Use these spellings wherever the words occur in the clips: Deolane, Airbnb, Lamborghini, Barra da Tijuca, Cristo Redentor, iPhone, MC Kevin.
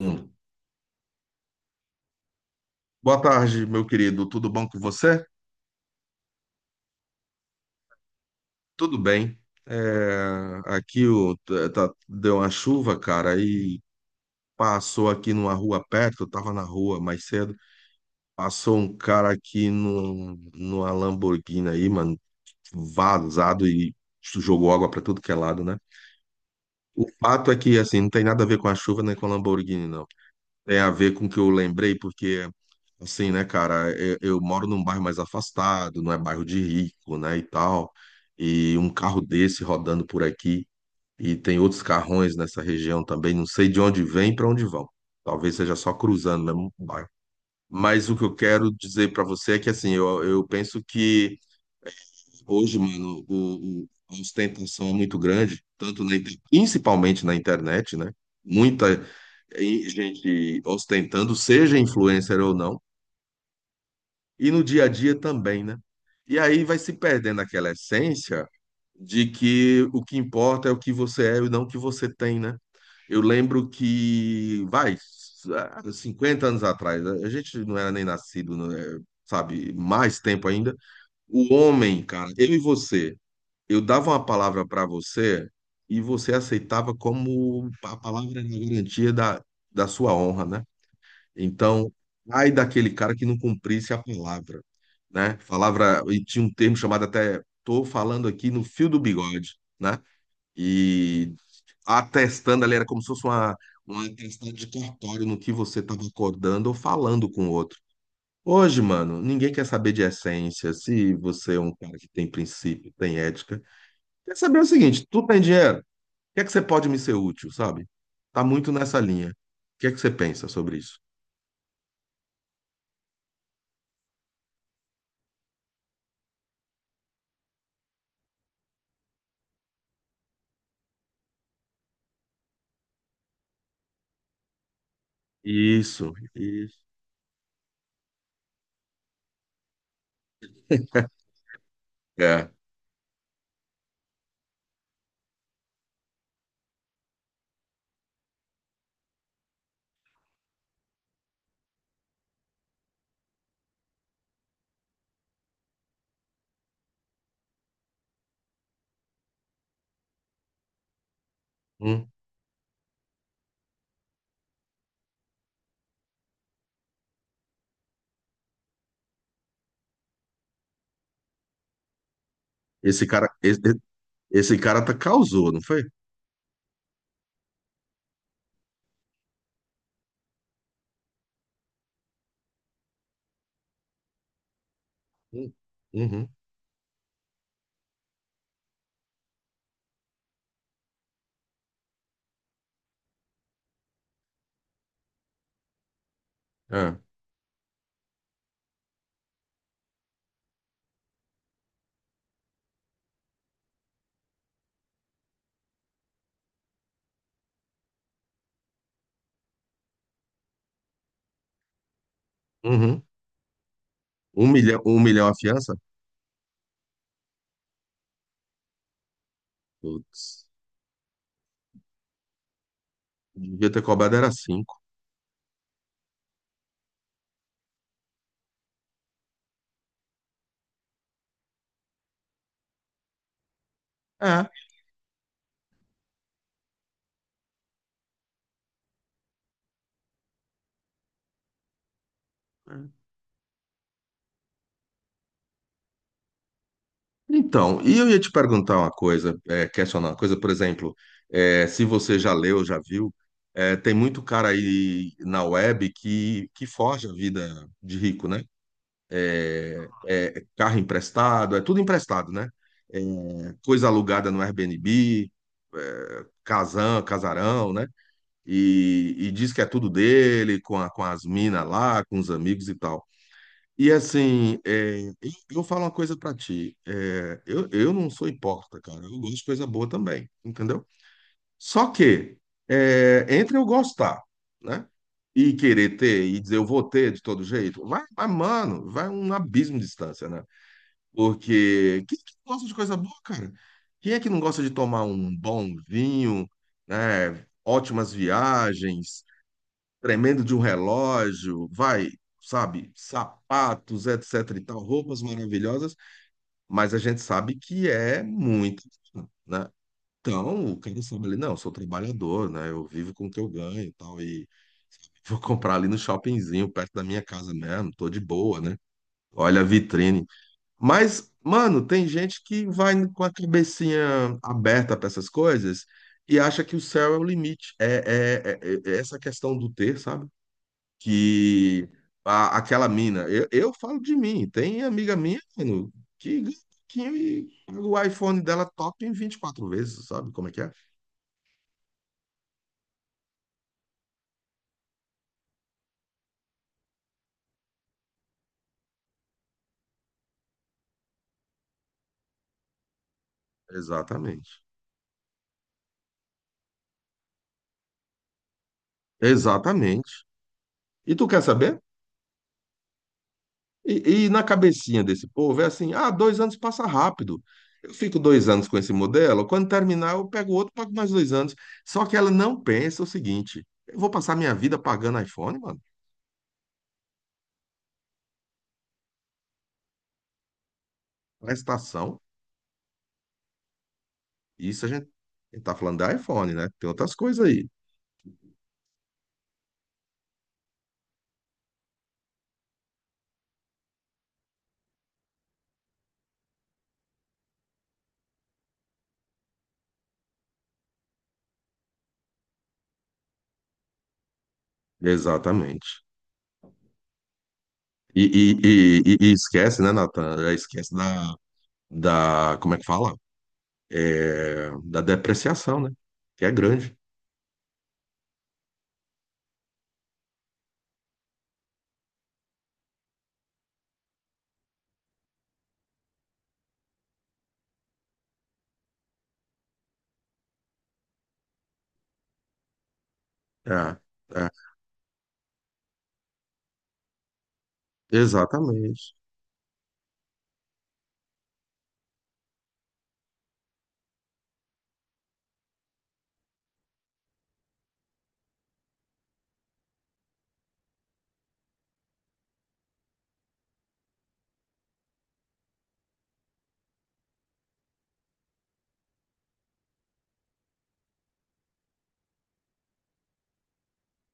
Hum. Boa tarde, meu querido. Tudo bom com você? Tudo bem. É, aqui o, deu uma chuva, cara, e passou aqui numa rua perto. Eu tava na rua mais cedo. Passou um cara aqui numa Lamborghini aí, mano, vazado e jogou água pra tudo que é lado, né? O fato é que, assim, não tem nada a ver com a chuva nem com a Lamborghini, não. Tem a ver com o que eu lembrei, porque, assim, né, cara, eu moro num bairro mais afastado, não é bairro de rico, né, e tal, e um carro desse rodando por aqui, e tem outros carrões nessa região também, não sei de onde vem e para onde vão. Talvez seja só cruzando mesmo o bairro. Mas o que eu quero dizer para você é que, assim, eu penso que hoje, mano, a ostentação é muito grande, tanto principalmente na internet, né? Muita gente ostentando, seja influencer ou não, e no dia a dia também, né? E aí vai se perdendo aquela essência de que o que importa é o que você é e não o que você tem, né? Eu lembro que, vai, há 50 anos atrás, a gente não era nem nascido, né? Sabe, mais tempo ainda. O homem, cara, eu e você, eu dava uma palavra para você e você aceitava como a palavra era a garantia da sua honra, né? Então, ai daquele cara que não cumprisse a palavra, né? Palavra, e tinha um termo chamado até, tô falando aqui no fio do bigode, né? E atestando ali era como se fosse uma atestado de cartório no que você estava acordando ou falando com o outro. Hoje, mano, ninguém quer saber de essência, se você é um cara que tem princípio, tem ética. Quer saber o seguinte, tu tem dinheiro, o que é que você pode me ser útil, sabe? Tá muito nessa linha. O que é que você pensa sobre isso? Isso, isso. É. Hum. Esse cara, esse cara tá, causou, não foi? Hum. Uhum. É. Uhum. Um milhão a fiança? Putz, devia ter cobrado era cinco. É. É. Então, e eu ia te perguntar uma coisa, é, questionar uma coisa, por exemplo, é, se você já leu, já viu, é, tem muito cara aí na web que forja a vida de rico, né? É carro emprestado, é tudo emprestado, né? É coisa alugada no Airbnb, é, casão, casarão, né? E diz que é tudo dele, com as minas lá, com os amigos e tal. E assim, é, eu falo uma coisa pra ti. É, eu não sou hipócrita, cara. Eu gosto de coisa boa também, entendeu? Só que, é, entre eu gostar, né? E querer ter, e dizer eu vou ter de todo jeito, vai, vai, mano, vai um abismo de distância, né? Porque quem é que não gosta de coisa boa, cara? Quem é que não gosta de tomar um bom vinho, né? Ótimas viagens, tremendo de um relógio, vai, sabe, sapatos, etc e tal, roupas maravilhosas, mas a gente sabe que é muito, né? Então, o cara sabe ali, não, eu sou trabalhador, né? Eu vivo com o que eu ganho e tal, e vou comprar ali no shoppingzinho, perto da minha casa mesmo, tô de boa, né? Olha a vitrine. Mas, mano, tem gente que vai com a cabecinha aberta para essas coisas e acha que o céu é o limite. É, essa questão do ter, sabe? Que aquela mina. Eu falo de mim. Tem amiga minha, mano, que, que o iPhone dela top em 24 vezes, sabe como é que é? Exatamente. Exatamente. E tu quer saber? E na cabecinha desse povo é assim: ah, 2 anos passa rápido. Eu fico 2 anos com esse modelo, quando terminar, eu pego outro, pago mais 2 anos. Só que ela não pensa o seguinte: eu vou passar minha vida pagando iPhone, mano, prestação. Isso a gente tá falando da iPhone, né? Tem outras coisas aí. Exatamente. E esquece, né, Natan? Já esquece da, da. Como é que fala? É, da depreciação, né? Que é grande. É, é, exatamente.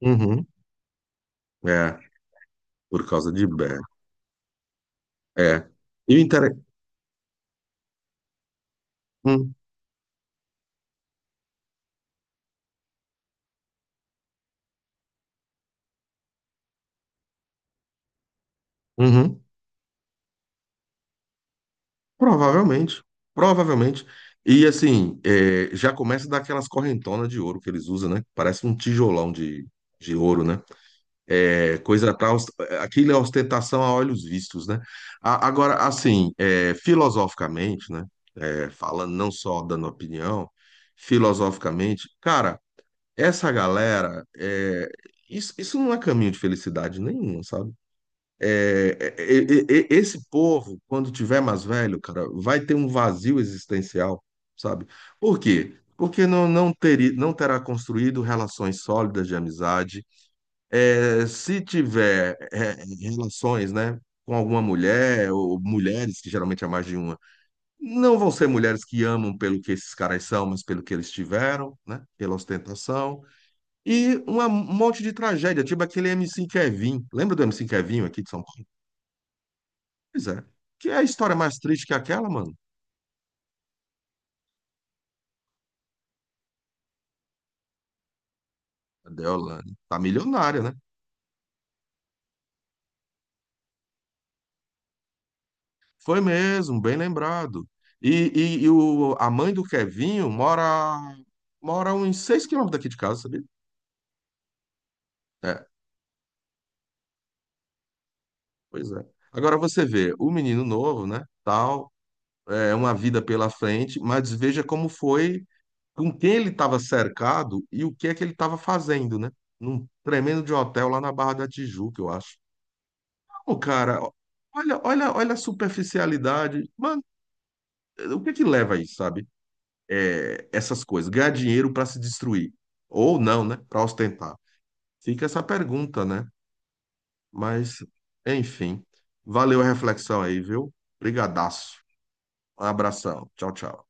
Uhum, é, por causa de Bear. É. E o inter... Hum, uhum, provavelmente. Provavelmente. E assim, é, já começa daquelas correntonas de ouro que eles usam, né? Parece um tijolão de ouro, né? É coisa pra, aquilo é ostentação a olhos vistos, né? Agora, assim, é, filosoficamente, né? É, falando não só dando opinião, filosoficamente, cara. Essa galera, é, isso não é caminho de felicidade nenhum, sabe? É, é, é, esse povo, quando tiver mais velho, cara, vai ter um vazio existencial, sabe? Por quê? Porque não terá construído relações sólidas de amizade. É, se tiver é, relações, né, com alguma mulher, ou mulheres, que geralmente é mais de uma, não vão ser mulheres que amam pelo que esses caras são, mas pelo que eles tiveram, né? Pela ostentação. E um monte de tragédia, tipo aquele MC Kevin. Lembra do MC Kevin aqui de São Paulo? Pois é. Que é a história mais triste que aquela, mano. A Deolane. Tá milionária, né? Foi mesmo, bem lembrado. A mãe do Kevinho mora uns 6 quilômetros daqui de casa, sabia? É, pois é. Agora você vê, o menino novo, né? Tal, é uma vida pela frente, mas veja como foi com quem ele estava cercado e o que é que ele estava fazendo, né? Num tremendo de hotel lá na Barra da Tijuca, eu acho. Ô, cara, olha, olha, olha a superficialidade. Mano, o que é que leva a isso, sabe? É, essas coisas, ganhar dinheiro para se destruir. Ou não, né? Para ostentar. Fica essa pergunta, né? Mas, enfim. Valeu a reflexão aí, viu? Brigadaço. Um abração. Tchau, tchau.